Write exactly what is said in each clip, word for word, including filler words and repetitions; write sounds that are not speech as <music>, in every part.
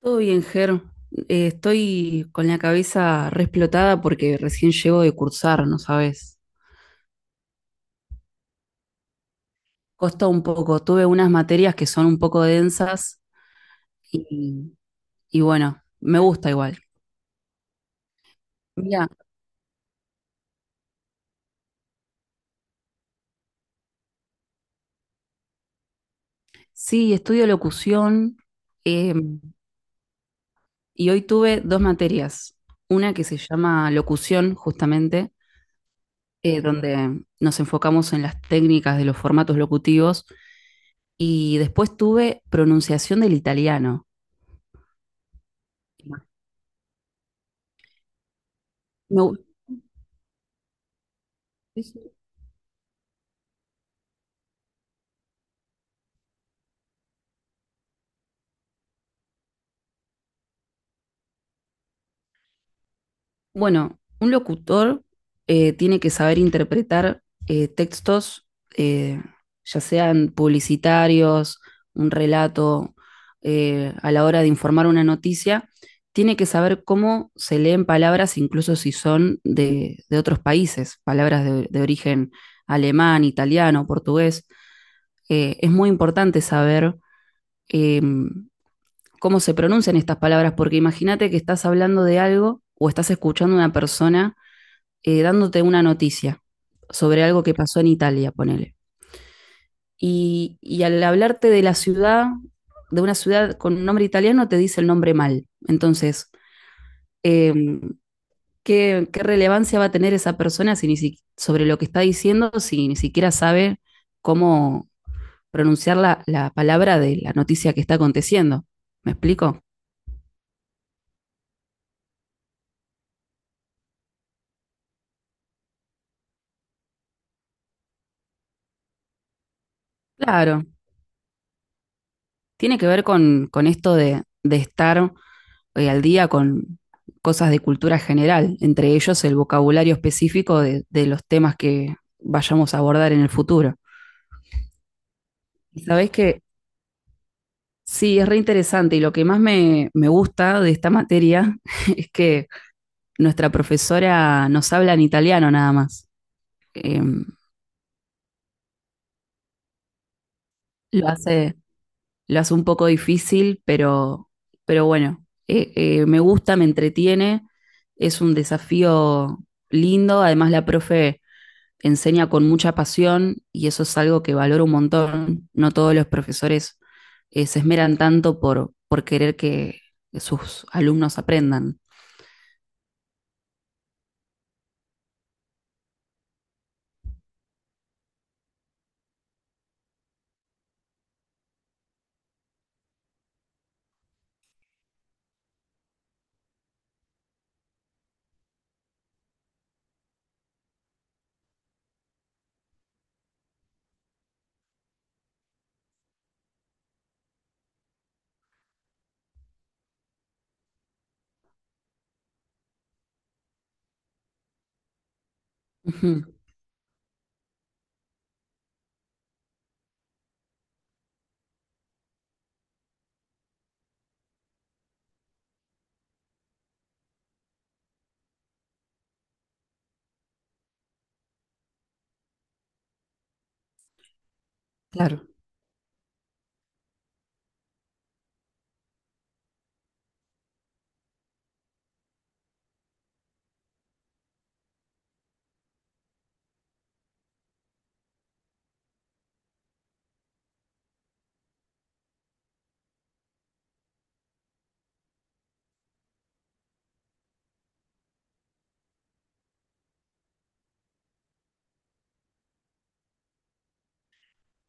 Todo bien, Ger. Eh, estoy con la cabeza re explotada porque recién llego de cursar, ¿no sabes? Costó un poco. Tuve unas materias que son un poco densas y, y bueno, me gusta igual. Mira, sí, estudio locución eh, y hoy tuve dos materias. Una que se llama locución, justamente, eh, donde nos enfocamos en las técnicas de los formatos locutivos y después tuve pronunciación del italiano. Me gu- Bueno, un locutor eh, tiene que saber interpretar eh, textos, eh, ya sean publicitarios, un relato, eh, a la hora de informar una noticia, tiene que saber cómo se leen palabras, incluso si son de, de otros países, palabras de, de origen alemán, italiano, portugués. Eh, es muy importante saber eh, cómo se pronuncian estas palabras, porque imagínate que estás hablando de algo o estás escuchando a una persona eh, dándote una noticia sobre algo que pasó en Italia, ponele. Y, y al hablarte de la ciudad, de una ciudad con un nombre italiano, te dice el nombre mal. Entonces, eh, ¿qué, qué relevancia va a tener esa persona si ni si- sobre lo que está diciendo si ni siquiera sabe cómo pronunciar la, la palabra de la noticia que está aconteciendo? ¿Me explico? Claro, tiene que ver con, con esto de, de estar eh, al día con cosas de cultura general, entre ellos el vocabulario específico de, de los temas que vayamos a abordar en el futuro. ¿Y sabés que sí? Es re interesante y lo que más me, me gusta de esta materia <laughs> es que nuestra profesora nos habla en italiano nada más. Eh, lo hace lo hace un poco difícil, pero, pero bueno, eh, eh, me gusta, me entretiene, es un desafío lindo, además la profe enseña con mucha pasión y eso es algo que valoro un montón, no todos los profesores eh, se esmeran tanto por, por querer que sus alumnos aprendan. Uh -huh, claro.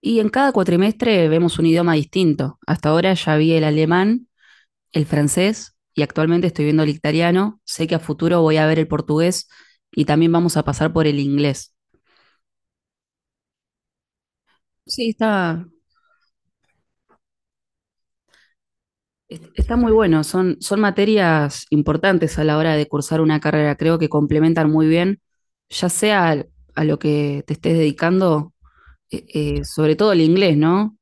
Y en cada cuatrimestre vemos un idioma distinto. Hasta ahora ya vi el alemán, el francés y actualmente estoy viendo el italiano. Sé que a futuro voy a ver el portugués y también vamos a pasar por el inglés. Sí, está, está muy bueno. Son, son materias importantes a la hora de cursar una carrera. Creo que complementan muy bien, ya sea a lo que te estés dedicando, eh, eh, sobre todo el inglés, ¿no?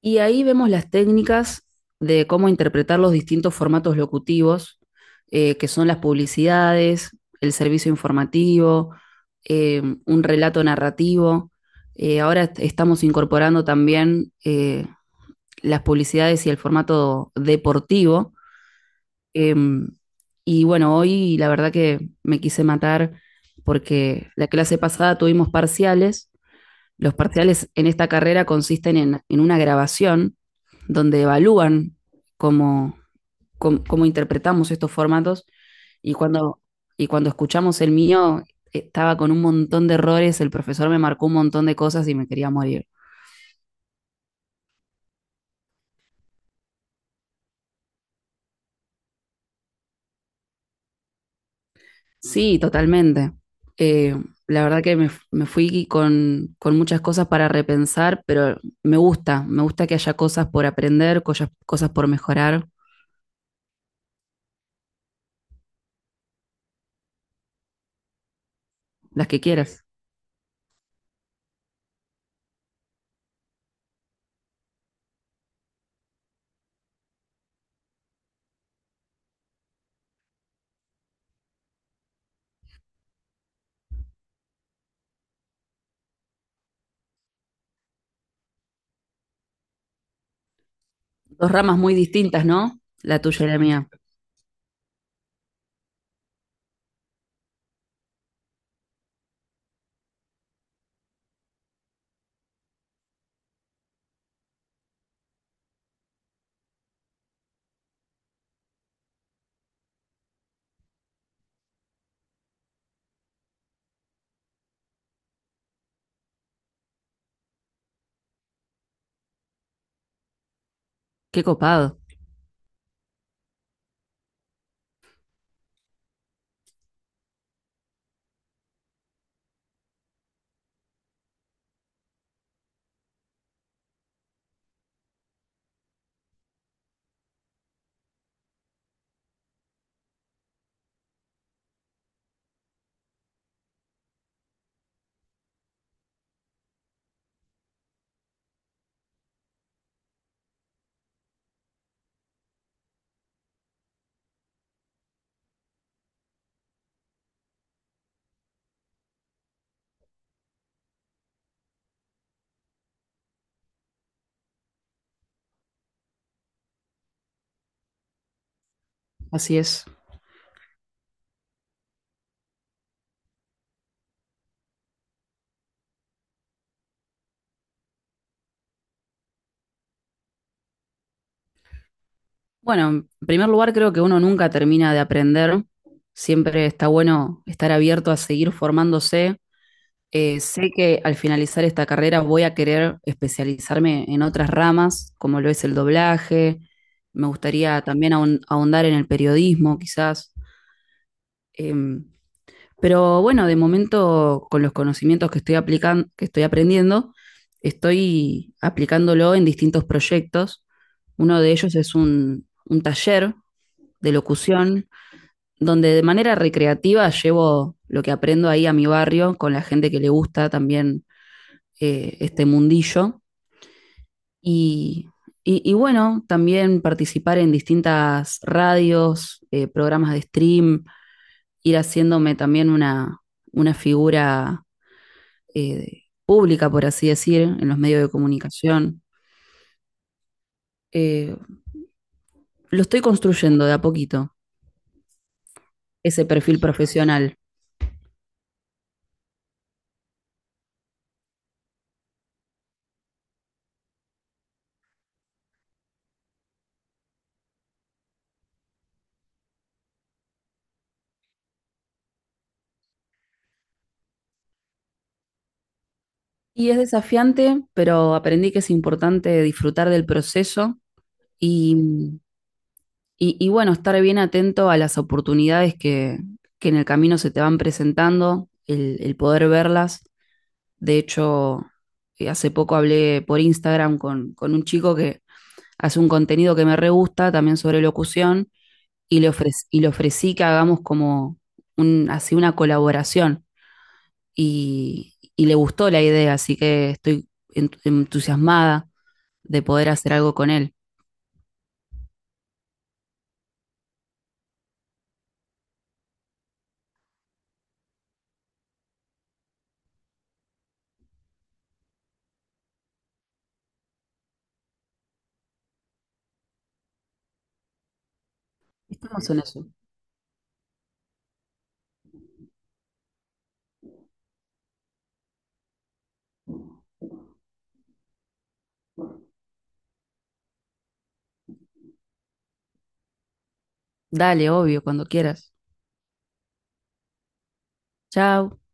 Y ahí vemos las técnicas de cómo interpretar los distintos formatos locutivos, eh, que son las publicidades, el servicio informativo, eh, un relato narrativo. Eh, ahora estamos incorporando también eh, las publicidades y el formato deportivo. Em, y bueno, hoy la verdad que me quise matar porque la clase pasada tuvimos parciales. Los parciales en esta carrera consisten en, en una grabación donde evalúan cómo, cómo, cómo interpretamos estos formatos y cuando, y cuando escuchamos el mío estaba con un montón de errores, el profesor me marcó un montón de cosas y me quería morir. Sí, totalmente. Eh, la verdad que me, me fui con, con, muchas cosas para repensar, pero me gusta, me gusta que haya cosas por aprender, cosas, cosas por mejorar, las que quieras. Dos ramas muy distintas, ¿no? La tuya y la mía. Qué copado. Así es. Bueno, en primer lugar, creo que uno nunca termina de aprender. Siempre está bueno estar abierto a seguir formándose. Eh, sé que al finalizar esta carrera voy a querer especializarme en otras ramas, como lo es el doblaje. Me gustaría también ahon- ahondar en el periodismo, quizás. Em, Pero bueno, de momento, con los conocimientos que estoy aplicando, que estoy aprendiendo, estoy aplicándolo en distintos proyectos. Uno de ellos es un, un taller de locución, donde de manera recreativa llevo lo que aprendo ahí a mi barrio, con la gente que le gusta también eh, este mundillo. Y, y- y bueno, también participar en distintas radios, eh, programas de stream, ir haciéndome también una, una figura eh, pública, por así decir, en los medios de comunicación. Eh, lo estoy construyendo de a poquito, ese perfil profesional. Y es desafiante, pero aprendí que es importante disfrutar del proceso y, y, y bueno, estar bien atento a las oportunidades que, que en el camino se te van presentando, el, el poder verlas. De hecho, eh, hace poco hablé por Instagram con, con un chico que hace un contenido que me re gusta también sobre locución y le ofrecí, y le ofrecí que hagamos como un, así una colaboración y, y le gustó la idea, así que estoy ent- entusiasmada de poder hacer algo con él. Estamos en eso. Dale, obvio, cuando quieras. Chao.